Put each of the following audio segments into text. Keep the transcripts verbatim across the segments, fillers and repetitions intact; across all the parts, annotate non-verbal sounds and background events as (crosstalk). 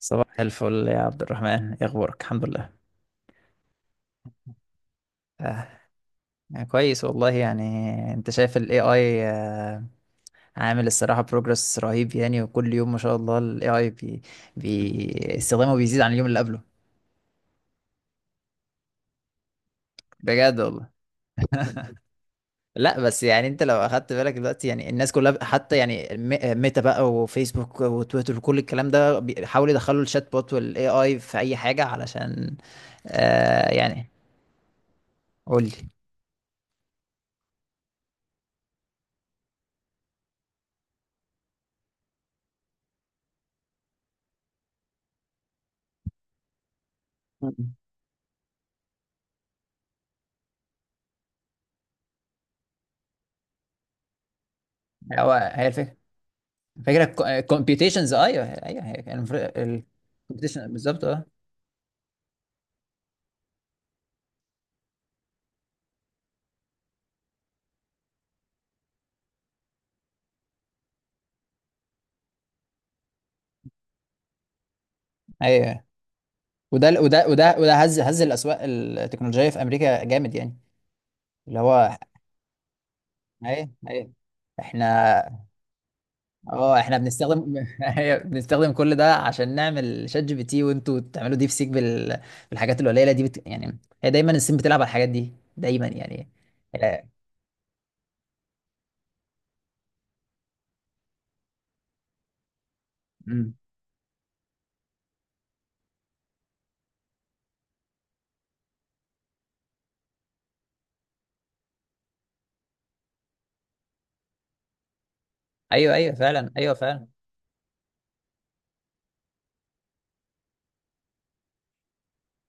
صباح الفل يا عبد الرحمن، ايه اخبارك؟ الحمد لله. آه يعني كويس والله يعني. انت شايف ال ايه اي؟ آه عامل الصراحة بروجرس رهيب يعني، وكل يوم ما شاء الله ال ايه اي بي بي استخدامه بيزيد عن اليوم اللي قبله. بجد والله. لا بس يعني انت لو اخدت بالك دلوقتي، يعني الناس كلها حتى يعني مي- ميتا بقى وفيسبوك وتويتر وكل الكلام ده بيحاولوا يدخلوا الشات بوت وال ايه اي في اي حاجة علشان آه يعني قول لي. مم. هو هي الفكرة، فاكر كومبيوتيشنز؟ ايوه ايوه، الكومبيوتيشن بالظبط اه. ايوه، وده وده وده وده هز هز الاسواق التكنولوجيه في امريكا جامد يعني، اللي هو ايوه ايوه. احنا اه احنا بنستخدم (laughs) أيوة، بنستخدم كل ده عشان نعمل شات جي بي تي، وانتوا تعملوا ديب سيك بال... بالحاجات القليله دي بت... يعني هي دايما الصين بتلعب على الحاجات دي دايما يعني. آه، أمم. ايوه ايوه فعلا، ايوه فعلا.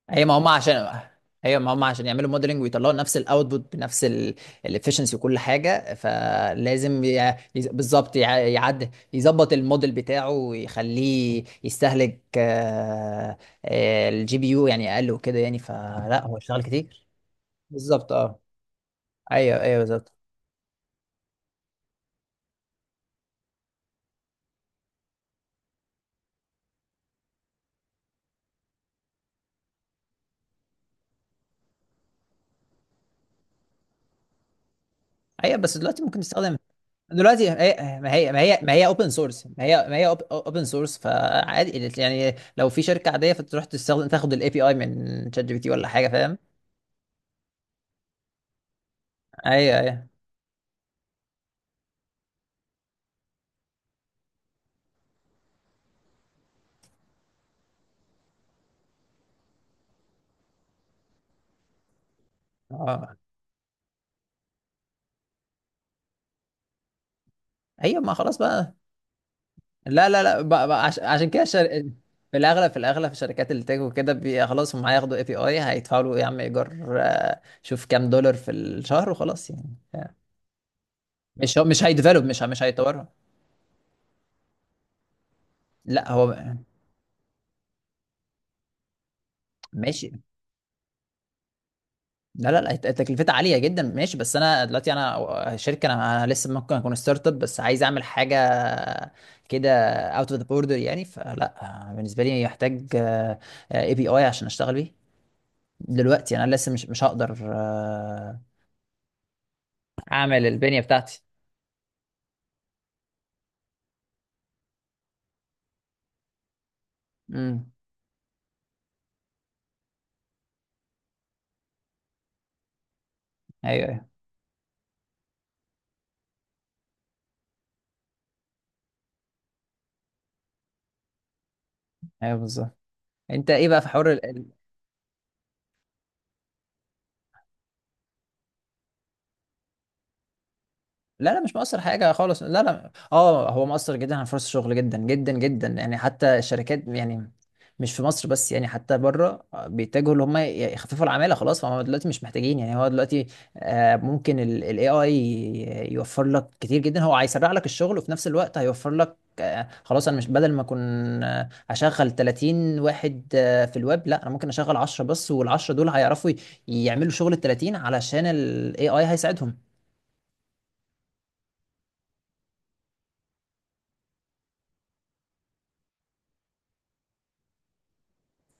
هي ما هم عشان هي ما هم عشان يعملوا موديلنج ويطلعوا نفس الاوتبوت بنفس الافشنسي وكل حاجه، فلازم يع- يز- بالظبط يع- يعد يظبط الموديل بتاعه ويخليه يستهلك الجي بي يو يعني اقل وكده يعني، فلا هو اشتغل كتير. بالظبط اه. ايوه ايوه بالظبط. ايوه، بس دلوقتي ممكن تستخدم. دلوقتي هي- ما هي ما هي ما هي اوبن سورس، ما هي ما هي اوبن سورس، فعادي يعني. لو في شركه عاديه فتروح تستخدم، تاخد الاي بي اي من شات جي بي تي ولا حاجه، فاهم؟ ايوه ايوه اه ايوه، ما خلاص بقى. لا لا لا بقى بقى عش... عشان كده شر... في الاغلب، في الاغلب في شركات التك وكده بي... خلاص، هم هياخدوا اي بي اي هيدفعوا له يا عم ايجار، آه، شوف كام دولار في الشهر وخلاص يعني ف- مش هو، مش هيديفلوب، مش ه- مش هيطورها. لا هو ماشي. لا لا لا هت- تكلفتها عاليه جدا ماشي، بس انا دلوقتي انا شركه، انا أنا لسه ممكن اكون ستارت اب بس عايز اعمل حاجه كده اوت اوف ذا بوردر يعني، فلا بالنسبه لي يحتاج اي بي اي عشان اشتغل بيه دلوقتي يعني. انا لسه مش مش هقدر آه، اعمل البنية بتاعتي. امم. ايوه ايوه ايوه بالظبط. انت ايه بقى في حوار؟ لا لا مش مؤثر حاجة خالص، لا لا اه هو مؤثر جدا على فرص الشغل، جدا جدا جدا يعني. حتى الشركات يعني مش في مصر بس يعني، حتى بره بيتجهوا ان هم يخففوا العمالة خلاص، فهم دلوقتي مش محتاجين يعني. هو دلوقتي آه، ممكن الاي اي يوفر لك كتير جدا. هو هيسرع لك الشغل وفي نفس الوقت هيوفر لك، آه، خلاص انا مش بدل ما اكون آه، هشغل ثلاثين واحد آه، في الويب، لا انا ممكن اشغل عشرة بس، وال10 دول هيعرفوا يعملوا شغل ال ثلاثين علشان الاي اي هيساعدهم.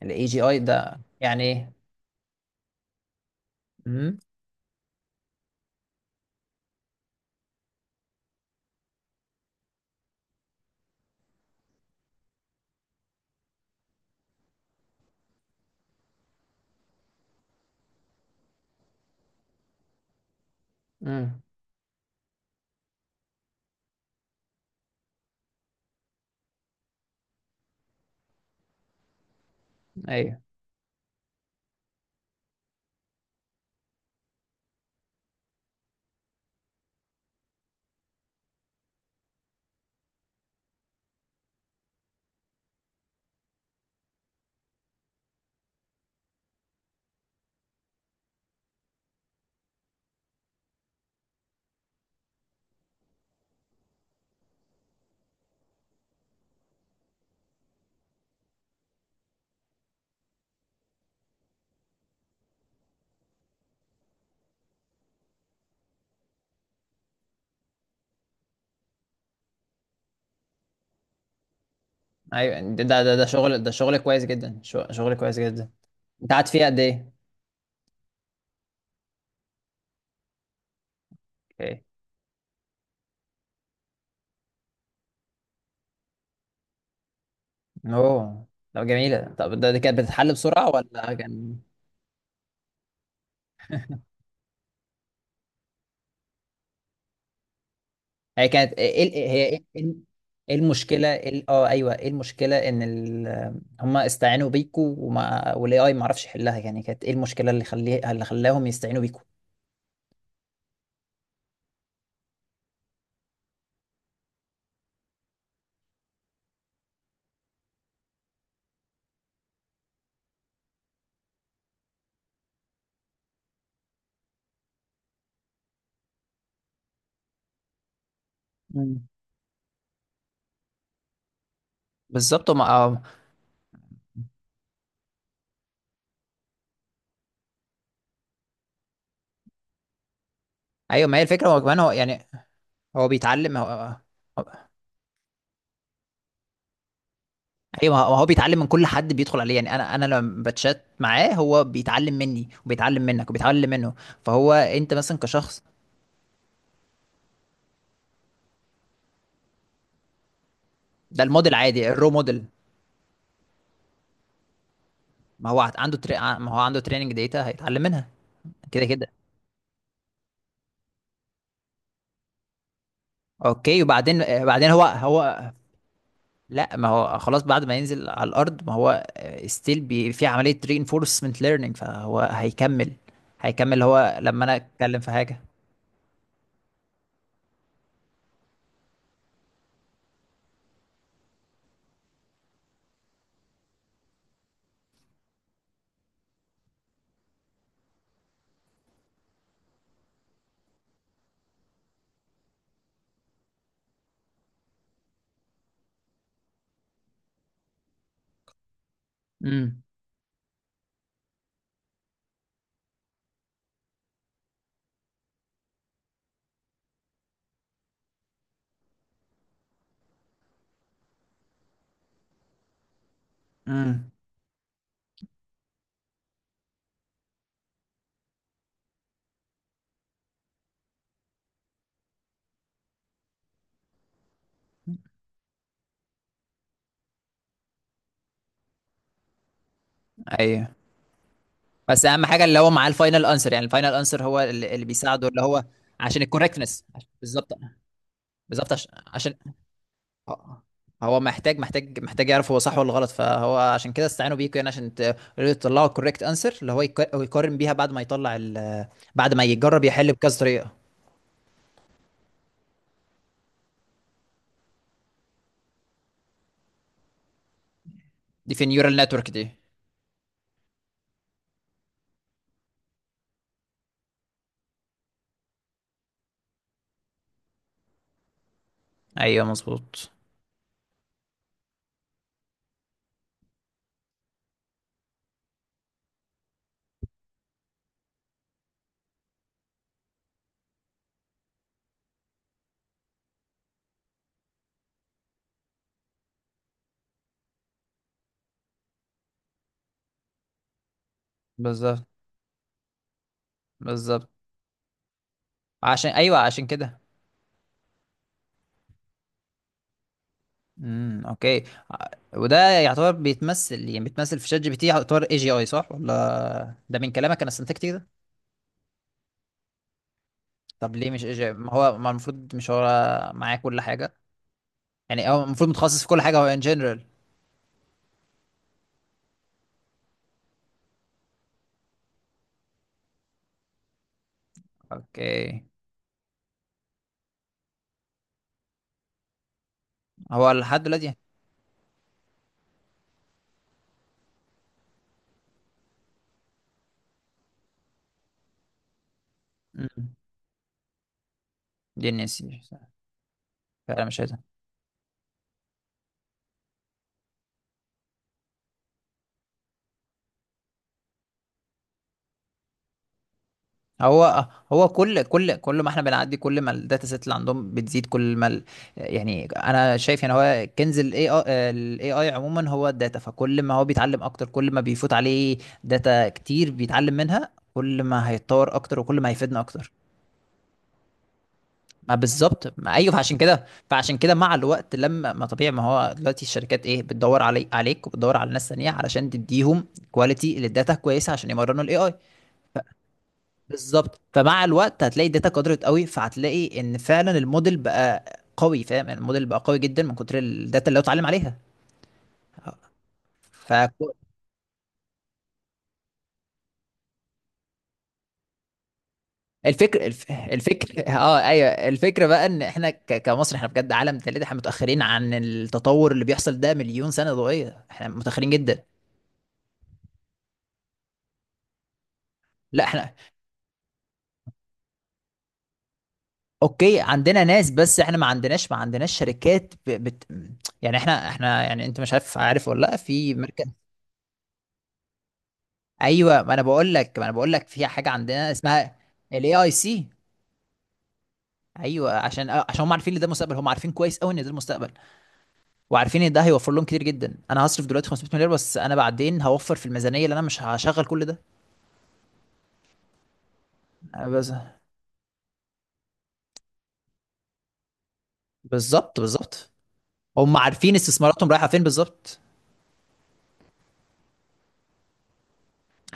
الاي جي اي ده يعني ايه؟ امم امم. ايوه ايوه ده ده ده شغل، ده شغل كويس جدا، شو- شغل كويس جدا. انت قعدت فيه قد ايه؟ اوكي. اوه، طب جميله. طب ده، دي كانت بتتحل بسرعه ولا كان، هي كانت ايه ال- هي ايه إيه- إيه المشكله؟ إيه ال- اه ايوه، ايه المشكله ان ال... هم استعانوا بيكوا، وما والاي اي ما عرفش يحلها يعني؟ كانت ايه المشكله اللي خليه اللي خلاهم يستعينوا بيكوا؟ مم. بالظبط ما آه، ايوه. ما هي الفكره، هو كمان هو يعني هو بيتعلم، هو ايوه. ما هو بيتعلم من كل حد بيدخل عليه يعني، انا انا لما بتشات معاه هو بيتعلم مني وبيتعلم منك وبيتعلم منه، فهو انت مثلا كشخص. ده الموديل عادي، الرو موديل. ما هو هت- عنده تري... ما هو عنده تريننج داتا هيتعلم منها. كده كده. اوكي، وبعدين آه، بعدين هو هو لا، ما هو خلاص بعد ما ينزل على الارض ما هو ستيل بي... في عمليه reinforcement ليرنينج، فهو هيكمل. هيكمل هو لما انا اتكلم في حاجه. امم امم. ايوه، بس اهم حاجه اللي هو معاه الفاينل انسر، يعني الفاينل انسر هو اللي, اللي بيساعده اللي هو عشان الكوركتنس. بالظبط. بالظبط عشان, عشان. آه. هو محتاج محتاج محتاج يعرف هو صح ولا غلط، فهو عشان كده استعانوا بيكوا، يعني عشان ت- تطلعوا الكوركت انسر اللي هو يك- هو يقارن بيها بعد ما يطلع ال، بعد ما يجرب يحل بكذا طريقه. دي في النيورال نتورك دي. ايوه مظبوط. بالظبط بالظبط عشان، ايوه عشان كده. امم اوكي. ع- وده يعتبر بيتمثل، يعني بيتمثل في شات جي بي تي، يعتبر اي جي اي صح ولا؟ ده من كلامك انا استنتجت كده. طب ليه مش اي جي؟ ما هو ما المفروض مش هو معاه كل حاجه؟ يعني هو المفروض متخصص في كل حاجه، هو ان جنرال. اوكي. هو لحد دلوقتي. امم. دي الناس فعلا مش عايزها. هو هو كل كل كل ما احنا بنعدي، كل ما الداتا سيت اللي عندهم بتزيد كل ما ال... يعني انا شايف يعني هو كنز الاي اي، الاي اي عموما هو الداتا، فكل ما هو بيتعلم اكتر كل ما بيفوت عليه داتا كتير بيتعلم منها كل ما هيتطور اكتر وكل ما هيفيدنا اكتر. ما بالظبط، ما ايوه، فعشان كده، فعشان كده مع الوقت لما ما طبيعي ما هو دلوقتي الشركات ايه بتدور علي عليك وبتدور على ناس ثانيه علشان تديهم كواليتي للداتا كويسه عشان يمرنوا الاي اي. بالظبط، فمع الوقت هتلاقي الداتا قدرت قوي، فهتلاقي ان فعلا الموديل بقى قوي، فاهم يعني؟ الموديل بقى قوي جدا من كتر الداتا اللي هو اتعلم عليها. ف، الفكر الف... الفكر اه، ايوه الفكره بقى ان احنا ك... كمصر احنا بجد عالم ثالث، احنا متاخرين عن التطور اللي بيحصل ده مليون سنه ضوئيه، احنا متاخرين جدا. لا احنا، اوكي عندنا ناس بس احنا ما عندناش ما عندناش شركات ب... بت... يعني احنا احنا يعني، انت مش عارف، عارف ولا لا في مركز. ايوه، ما انا بقول لك ما انا بقول لك في حاجه عندنا اسمها الاي اي سي. ايوه عشان، آه، عشان هم عارفين ان ده المستقبل، هم عارفين كويس قوي ان ده المستقبل، وعارفين ان ده هيوفر لهم كتير جدا. انا هصرف دلوقتي خمسمية مليار بس انا بعدين هوفر في الميزانيه اللي انا مش هشغل كل ده. آه، بس بالظبط بالظبط، هم عارفين استثماراتهم رايحه فين بالظبط.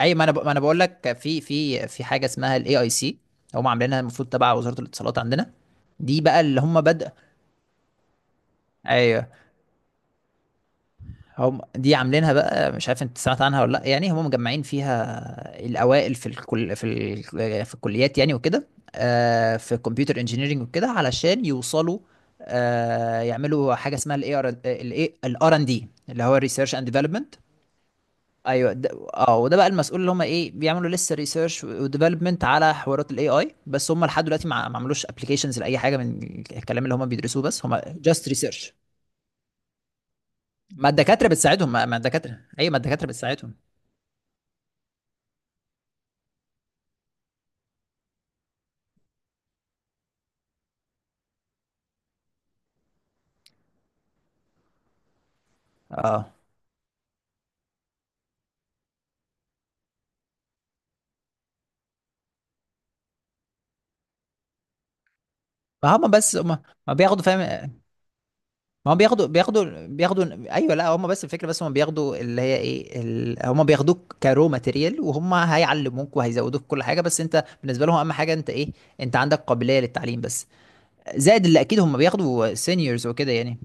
اي، ما انا ب... ما انا بقول لك في في في حاجه اسمها الاي اي سي، هم عاملينها المفروض تبع وزاره الاتصالات عندنا. دي بقى اللي هم بدأ، ايوه، هم دي عاملينها بقى. مش عارف انت سمعت عنها ولا لا؟ يعني هم مجمعين فيها الاوائل في الكل في ال... في الكليات يعني وكده، آه في كمبيوتر انجينيرنج وكده، علشان يوصلوا آه يعملوا حاجه اسمها الاي ار الاي الار ان دي اللي هو ريسيرش اند ديفلوبمنت. ايوه ده اه، وده بقى المسؤول اللي هم ايه بيعملوا لسه ريسيرش وديفلوبمنت على حوارات الاي اي، بس هم لحد دلوقتي ما ما عملوش ابلكيشنز لاي حاجه من الكلام اللي هم بيدرسوه، بس هم جاست ريسيرش. ما الدكاتره بتساعدهم، ما ما الدكاتره ايوه ما الدكاتره بتساعدهم اه. ما هم بس هم ما بياخدوا، فاهم؟ ما هم بياخدوا بياخدوا بياخدوا ايوه. لا هم بس الفكره، بس هم بياخدوا اللي هي ايه ال... هم بياخدوك كرو ماتيريال، وهم هيعلموك وهيزودوك كل حاجه، بس انت بالنسبه لهم اهم حاجه انت ايه؟ انت عندك قابليه للتعليم بس، زائد اللي اكيد هم بياخدوا سينيورز وكده يعني.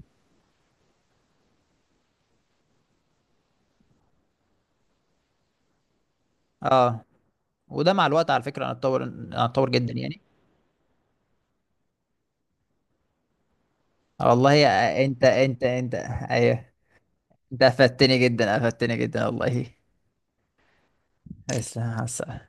اه، وده مع الوقت على فكره انا اتطور، انا اتطور جدا يعني. آه، والله يا، انت انت انت ايوه انت افدتني جدا، افدتني جدا والله. بس.